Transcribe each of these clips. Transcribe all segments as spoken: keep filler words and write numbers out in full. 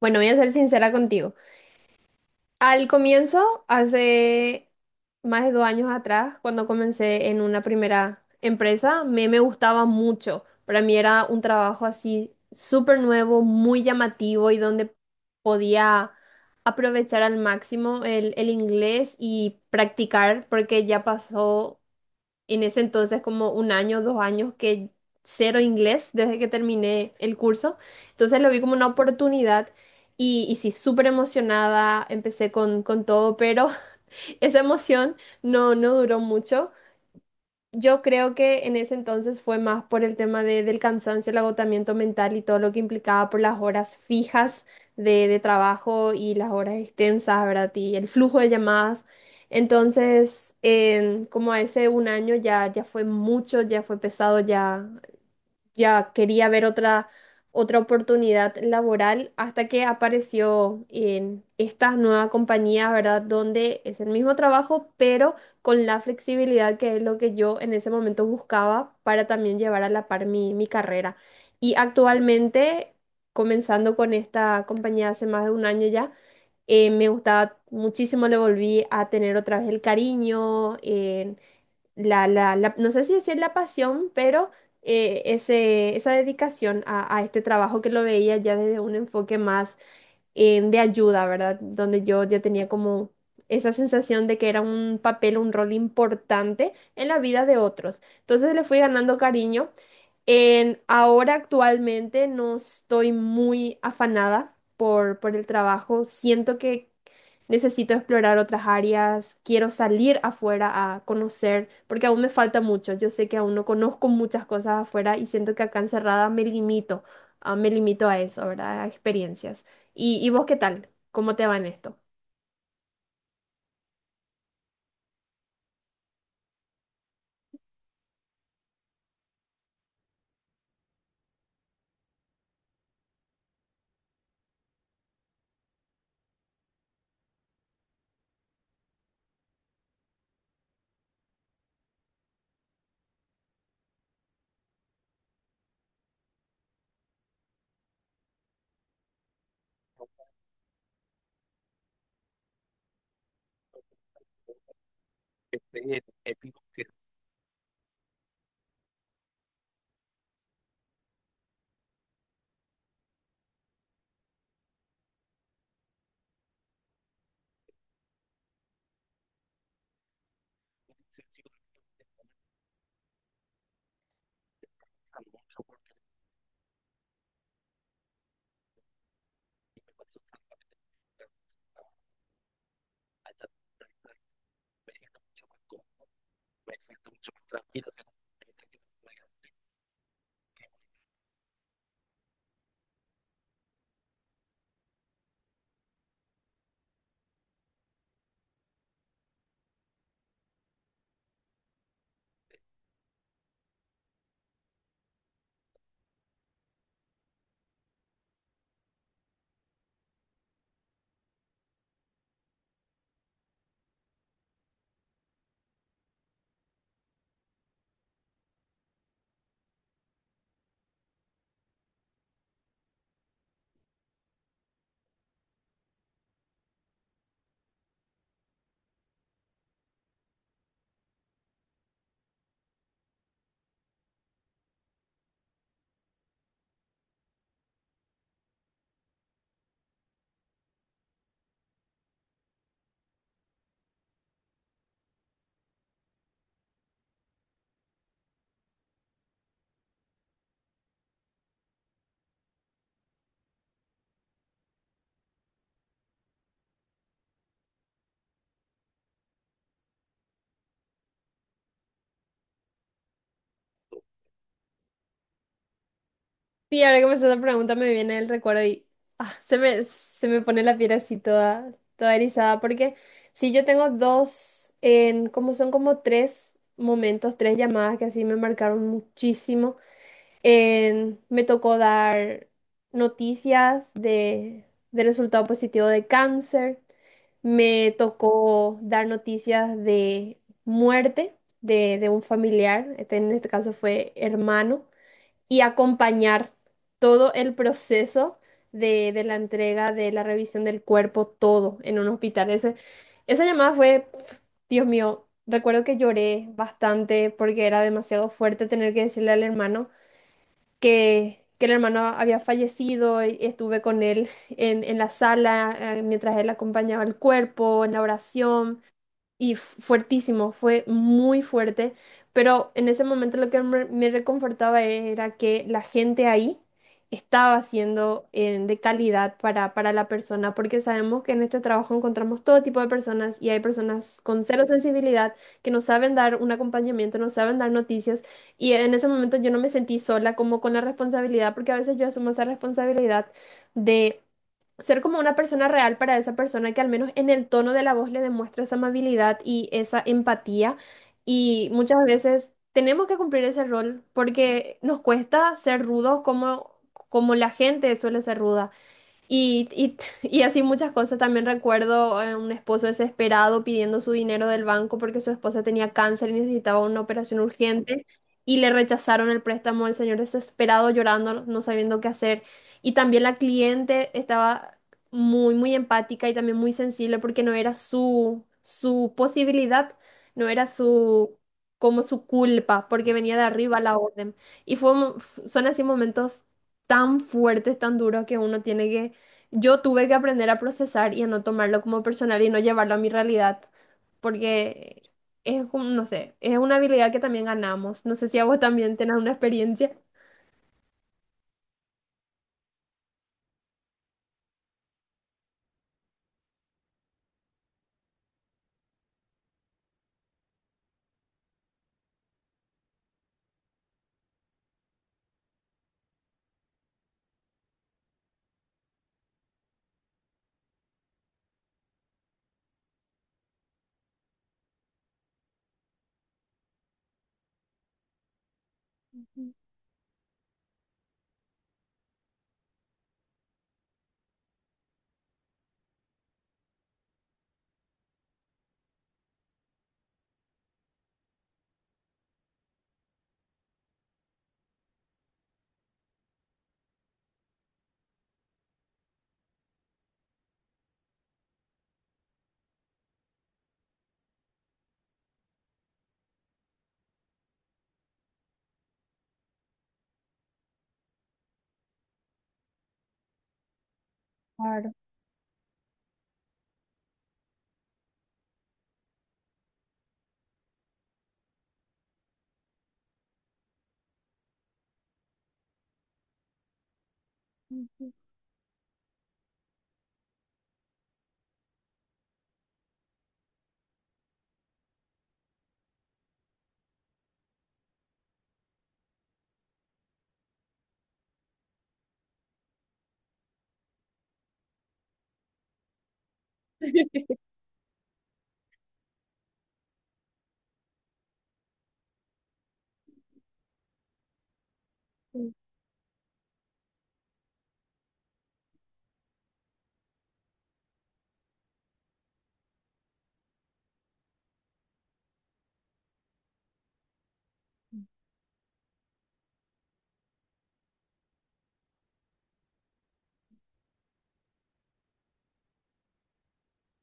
Bueno, voy a ser sincera contigo. Al comienzo, hace más de dos años atrás, cuando comencé en una primera empresa, me, me gustaba mucho. Para mí era un trabajo así súper nuevo, muy llamativo y donde podía aprovechar al máximo el, el inglés y practicar, porque ya pasó en ese entonces como un año, dos años que cero inglés desde que terminé el curso. Entonces lo vi como una oportunidad y, y sí, súper emocionada, empecé con, con todo, pero esa emoción no, no duró mucho. Yo creo que en ese entonces fue más por el tema de- del cansancio, el agotamiento mental y todo lo que implicaba por las horas fijas de, de trabajo y las horas extensas, ¿verdad? Y el flujo de llamadas. Entonces, en- como hace un año ya, ya fue mucho, ya fue pesado, ya ya quería ver otra, otra oportunidad laboral hasta que apareció en esta nueva compañía, ¿verdad? Donde es el mismo trabajo, pero con la flexibilidad que es lo que yo en ese momento buscaba para también llevar a la par mi, mi carrera. Y actualmente, comenzando con esta compañía hace más de un año ya, eh, me gustaba muchísimo, le volví a tener otra vez el cariño, eh, la, la, la- no sé si decir la pasión, pero eh, ese, esa dedicación a, a este trabajo que lo veía ya desde un enfoque más eh, de ayuda, ¿verdad? Donde yo ya tenía como esa sensación de que era un papel, un rol importante en la vida de otros. Entonces le fui ganando cariño. En, ahora actualmente no estoy muy afanada por, por el trabajo. Siento que necesito explorar otras áreas. Quiero salir afuera a conocer, porque aún me falta mucho. Yo sé que aún no conozco muchas cosas afuera y siento que acá encerrada me limito, ah, me limito a eso, ¿verdad? A experiencias. ¿Y, y vos qué tal? ¿Cómo te va en esto? Sí, ahora que me haces esa pregunta me viene el recuerdo y ah, se me, se me pone la piel así toda, toda erizada, porque sí, yo tengo dos, en, como son como tres momentos, tres llamadas que así me marcaron muchísimo. En- me tocó dar noticias de, de resultado positivo de cáncer, me tocó dar noticias de muerte de, de un familiar, este, en este caso fue hermano, y acompañar todo el proceso de, de la entrega, de la revisión del cuerpo, todo en un hospital. Ese, esa llamada fue, pf, Dios mío, recuerdo que lloré bastante porque era demasiado fuerte tener que decirle al hermano que, que el hermano había fallecido y estuve con él en, en la sala eh, mientras él acompañaba el cuerpo, en la oración y f- fuertísimo, fue muy fuerte, pero en ese momento lo que me, me reconfortaba era que la gente ahí estaba siendo eh, de calidad para, para la persona, porque sabemos que en este trabajo encontramos todo tipo de personas y hay personas con cero sensibilidad que no saben dar un acompañamiento, no saben dar noticias, y en ese momento yo no me sentí sola como con la responsabilidad, porque a veces yo asumo esa responsabilidad de ser como una persona real para esa persona que al menos en el tono de la voz le demuestra esa amabilidad y esa empatía. Y muchas veces tenemos que cumplir ese rol porque nos cuesta ser rudos como, como la gente suele ser ruda. Y, y, y así muchas cosas. También recuerdo a un esposo desesperado pidiendo su dinero del banco porque su esposa tenía cáncer y necesitaba una operación urgente y le rechazaron el préstamo. El señor desesperado llorando, no sabiendo qué hacer. Y también la cliente estaba muy, muy empática y también muy sensible porque no era su, su posibilidad, no era su, como su culpa, porque venía de arriba la orden. Y fue, un- Son así momentos tan fuertes, tan duros que uno tiene que yo tuve que aprender a procesar y a no tomarlo como personal y no llevarlo a mi realidad, porque es, un- no sé, es una habilidad que también ganamos. No sé si a vos también tenés una experiencia. Ujú. Claro. Ujú.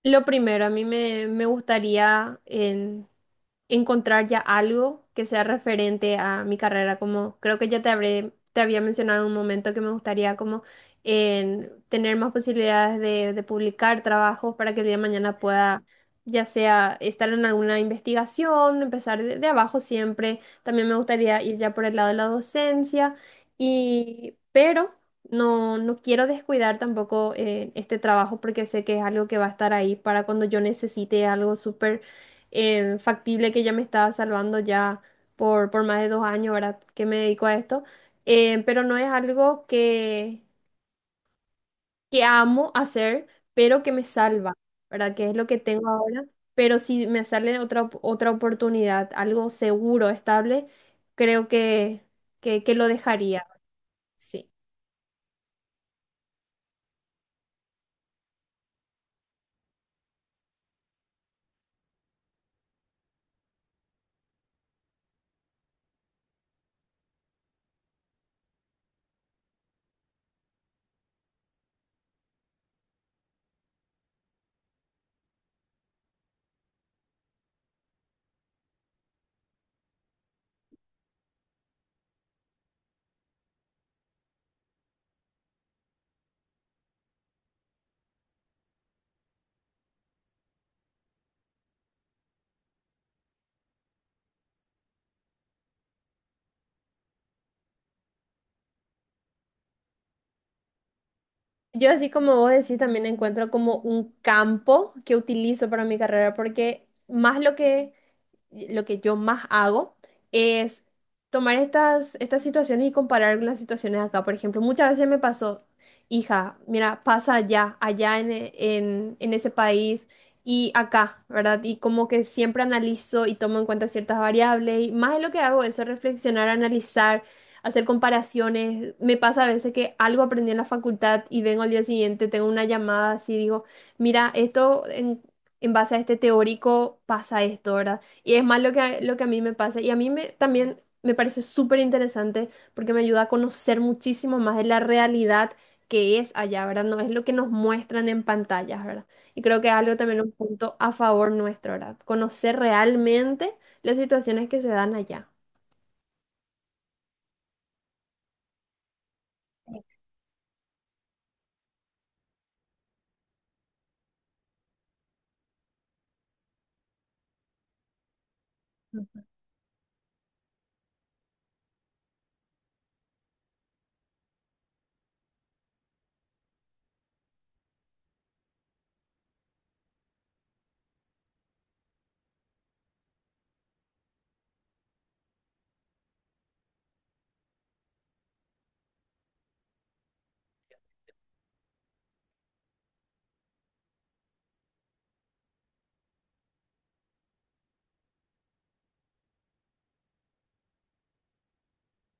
Lo primero, a mí me, me gustaría en- encontrar ya algo que sea referente a mi carrera, como creo que ya te habré, te había mencionado en un momento que me gustaría como en tener más posibilidades de, de publicar trabajos para que el día de mañana pueda, ya sea estar en alguna investigación, empezar de, de abajo siempre. También me gustaría ir ya por el lado de la docencia y, pero no, no quiero descuidar tampoco eh, este trabajo porque sé que es algo que va a estar ahí para cuando yo necesite algo súper eh, factible que ya me estaba salvando ya por, por más de dos años, ¿verdad? Que me dedico a esto. Eh, pero no es algo que, que amo hacer, pero que me salva, ¿verdad? Que es lo que tengo ahora. Pero si me sale otra, op- otra oportunidad, algo seguro, estable, creo que, que, que lo dejaría, sí. Yo así como vos decís, también encuentro como un campo que utilizo para mi carrera, porque más lo que lo que yo más hago es tomar estas, estas situaciones y comparar con las situaciones acá. Por ejemplo, muchas veces me pasó, hija, mira, pasa allá, allá en, e- en, en ese país y acá, ¿verdad? Y como que siempre analizo y tomo en cuenta ciertas variables y más de lo que hago eso, reflexionar, analizar, hacer comparaciones. Me pasa a veces que algo aprendí en la facultad y vengo al día siguiente, tengo una llamada así, digo, mira, esto en, en base a este teórico pasa esto, ¿verdad? Y es más lo que, a- lo que a mí me pasa. Y a mí me, también me parece súper interesante porque me ayuda a conocer muchísimo más de la realidad que es allá, ¿verdad? No es lo que nos muestran en pantallas, ¿verdad? Y creo que es algo también un punto a favor nuestro, ¿verdad? Conocer realmente las situaciones que se dan allá.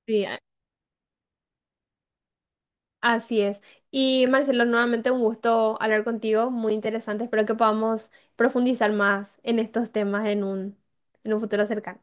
Sí, a- así es. Y Marcelo, nuevamente un gusto hablar contigo, muy interesante. Espero que podamos profundizar más en estos temas en un, en un futuro cercano.